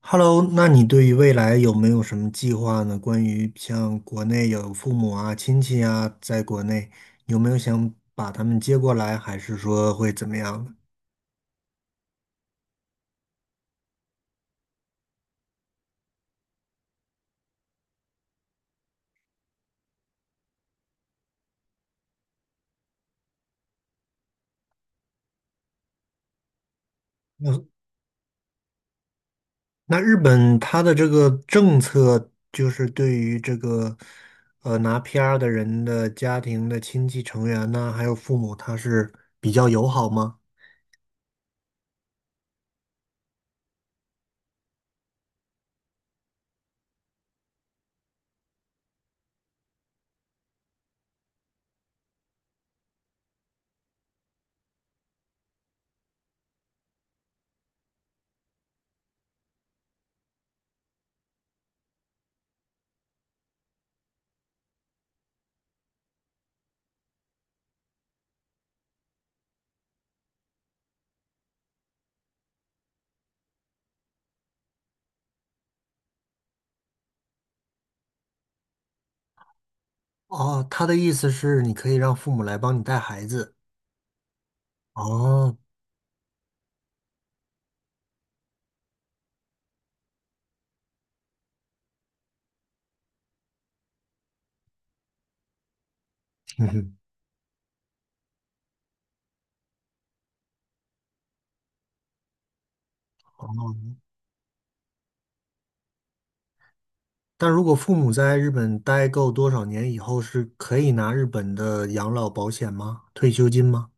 Hello，那你对于未来有没有什么计划呢？关于像国内有父母啊、亲戚啊，在国内有没有想把他们接过来，还是说会怎么样的。那日本他的这个政策就是对于这个拿 PR 的人的家庭的亲戚成员呢，还有父母，他是比较友好吗？哦，他的意思是你可以让父母来帮你带孩子。哦，嗯哼，哦。但如果父母在日本待够多少年以后，是可以拿日本的养老保险吗？退休金吗？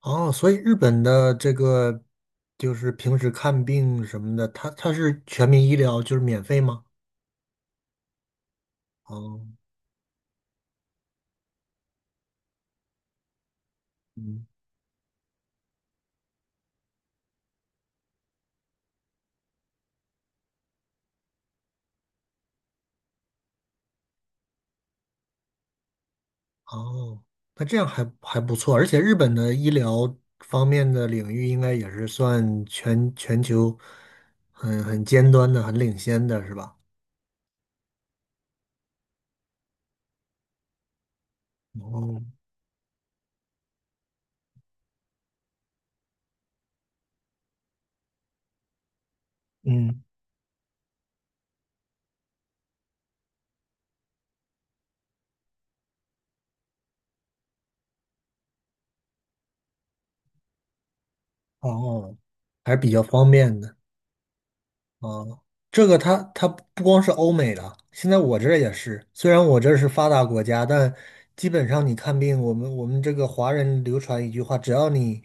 哦，所以日本的这个就是平时看病什么的，它是全民医疗，就是免费吗？哦，嗯，哦，那这样还不错，而且日本的医疗方面的领域应该也是算全球很尖端的、很领先的，是吧？哦，嗯，哦，还是比较方便的。哦，这个他不光是欧美的，现在我这儿也是。虽然我这是发达国家，但基本上你看病，我们这个华人流传一句话，只要你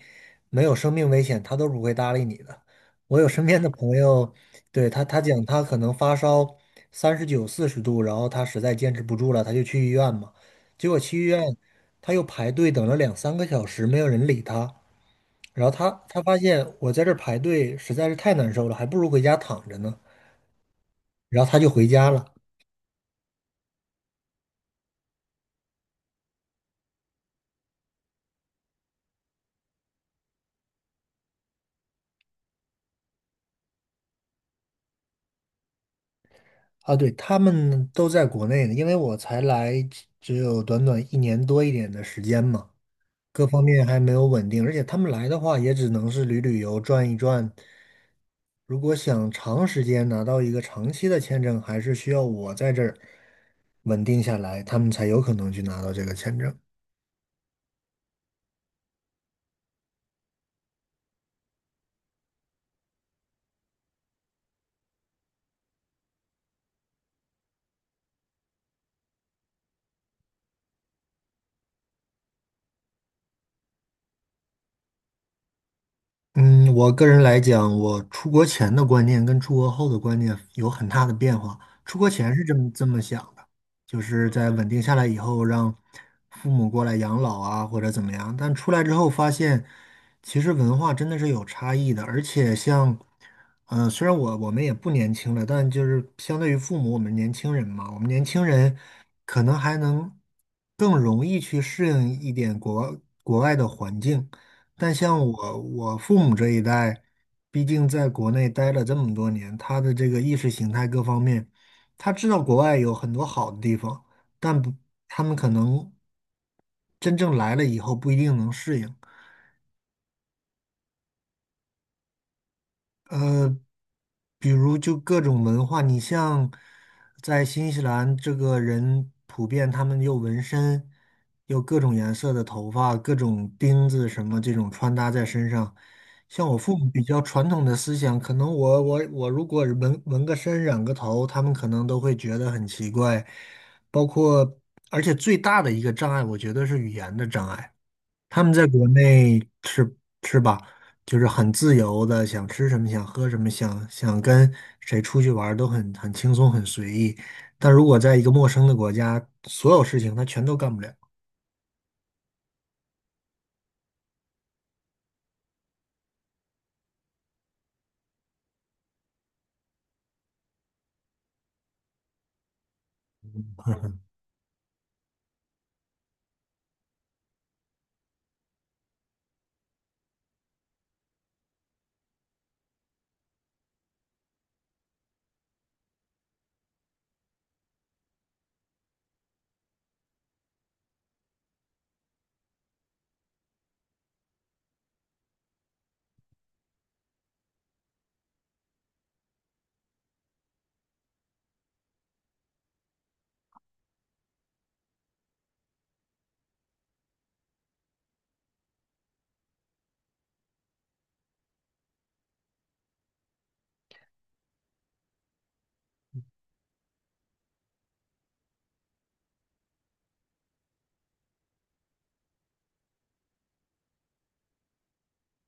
没有生命危险，他都不会搭理你的。我有身边的朋友，对，他讲他可能发烧39、40度，然后他实在坚持不住了，他就去医院嘛。结果去医院，他又排队等了两三个小时，没有人理他。然后他发现我在这儿排队实在是太难受了，还不如回家躺着呢。然后他就回家了。啊，对，他们都在国内呢，因为我才来只有短短一年多一点的时间嘛，各方面还没有稳定，而且他们来的话也只能是旅游、转一转。如果想长时间拿到一个长期的签证，还是需要我在这儿稳定下来，他们才有可能去拿到这个签证。嗯，我个人来讲，我出国前的观念跟出国后的观念有很大的变化。出国前是这么想的，就是在稳定下来以后，让父母过来养老啊，或者怎么样。但出来之后发现，其实文化真的是有差异的。而且像，虽然我们也不年轻了，但就是相对于父母，我们年轻人嘛，我们年轻人可能还能更容易去适应一点国外的环境。但像我父母这一代，毕竟在国内待了这么多年，他的这个意识形态各方面，他知道国外有很多好的地方，但不，他们可能真正来了以后不一定能适应。呃，比如就各种文化，你像在新西兰，这个人普遍他们有纹身，有各种颜色的头发，各种钉子什么这种穿搭在身上。像我父母比较传统的思想，可能我如果纹个身、染个头，他们可能都会觉得很奇怪。包括，而且最大的一个障碍，我觉得是语言的障碍。他们在国内是吧，就是很自由的，想吃什么想喝什么，想跟谁出去玩儿都很轻松很随意。但如果在一个陌生的国家，所有事情他全都干不了。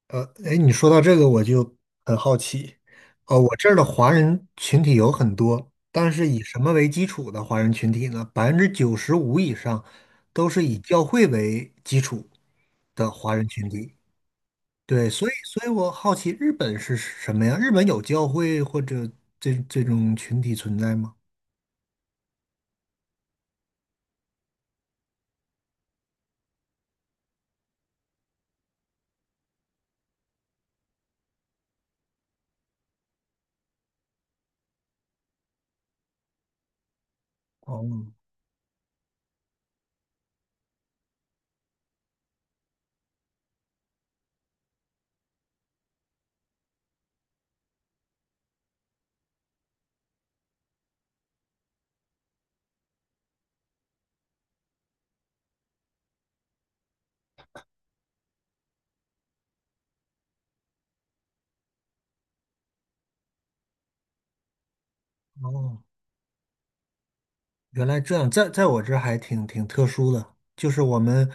哎，你说到这个我就很好奇，我这儿的华人群体有很多，但是以什么为基础的华人群体呢？95%以上都是以教会为基础的华人群体。对，所以我好奇日本是什么呀？日本有教会或者这种群体存在吗？哦哦，原来这样，在我这儿还挺特殊的，就是我们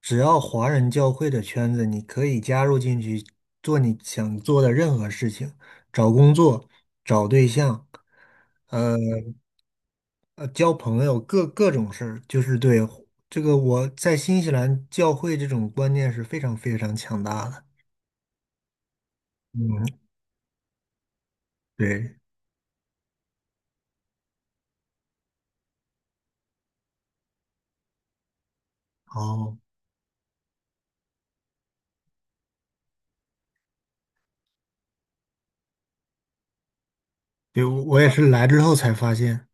只要华人教会的圈子，你可以加入进去，做你想做的任何事情，找工作、找对象，呃交朋友，各种事儿，就是对这个我在新西兰教会这种观念是非常非常强大的。嗯，对，哦，对，我也是来之后才发现，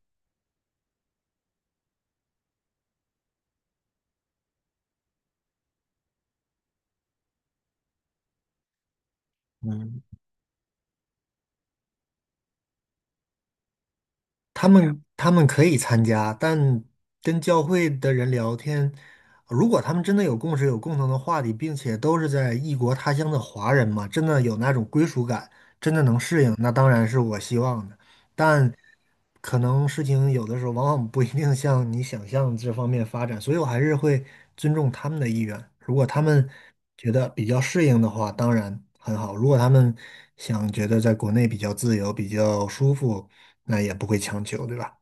嗯，他们可以参加，但跟教会的人聊天，如果他们真的有共识、有共同的话题，并且都是在异国他乡的华人嘛，真的有那种归属感，真的能适应，那当然是我希望的。但可能事情有的时候往往不一定像你想象这方面发展，所以我还是会尊重他们的意愿。如果他们觉得比较适应的话，当然很好；如果他们想觉得在国内比较自由、比较舒服，那也不会强求，对吧？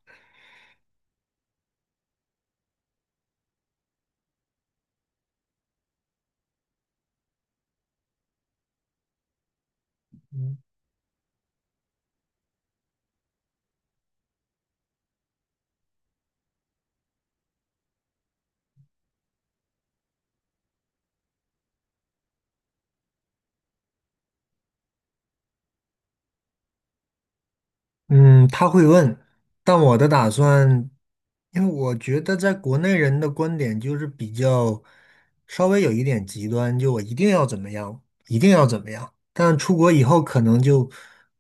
嗯，他会问，但我的打算，因为我觉得在国内人的观点就是比较稍微有一点极端，就我一定要怎么样，一定要怎么样。但出国以后可能就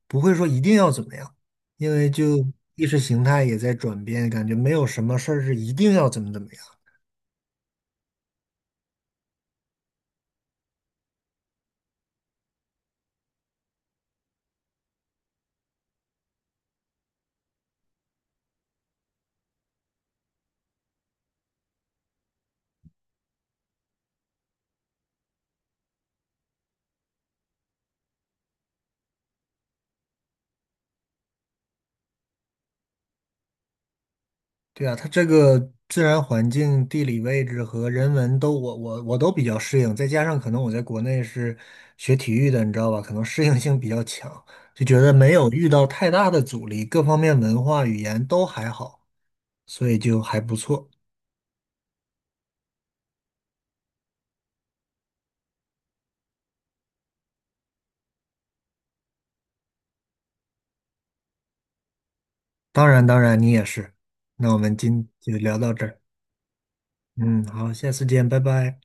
不会说一定要怎么样，因为就意识形态也在转变，感觉没有什么事儿是一定要怎么样。对啊，它这个自然环境、地理位置和人文都我都比较适应，再加上可能我在国内是学体育的，你知道吧？可能适应性比较强，就觉得没有遇到太大的阻力，各方面文化语言都还好，所以就还不错。当然，当然你也是。那我们今就聊到这儿，嗯，好，下次见，拜拜。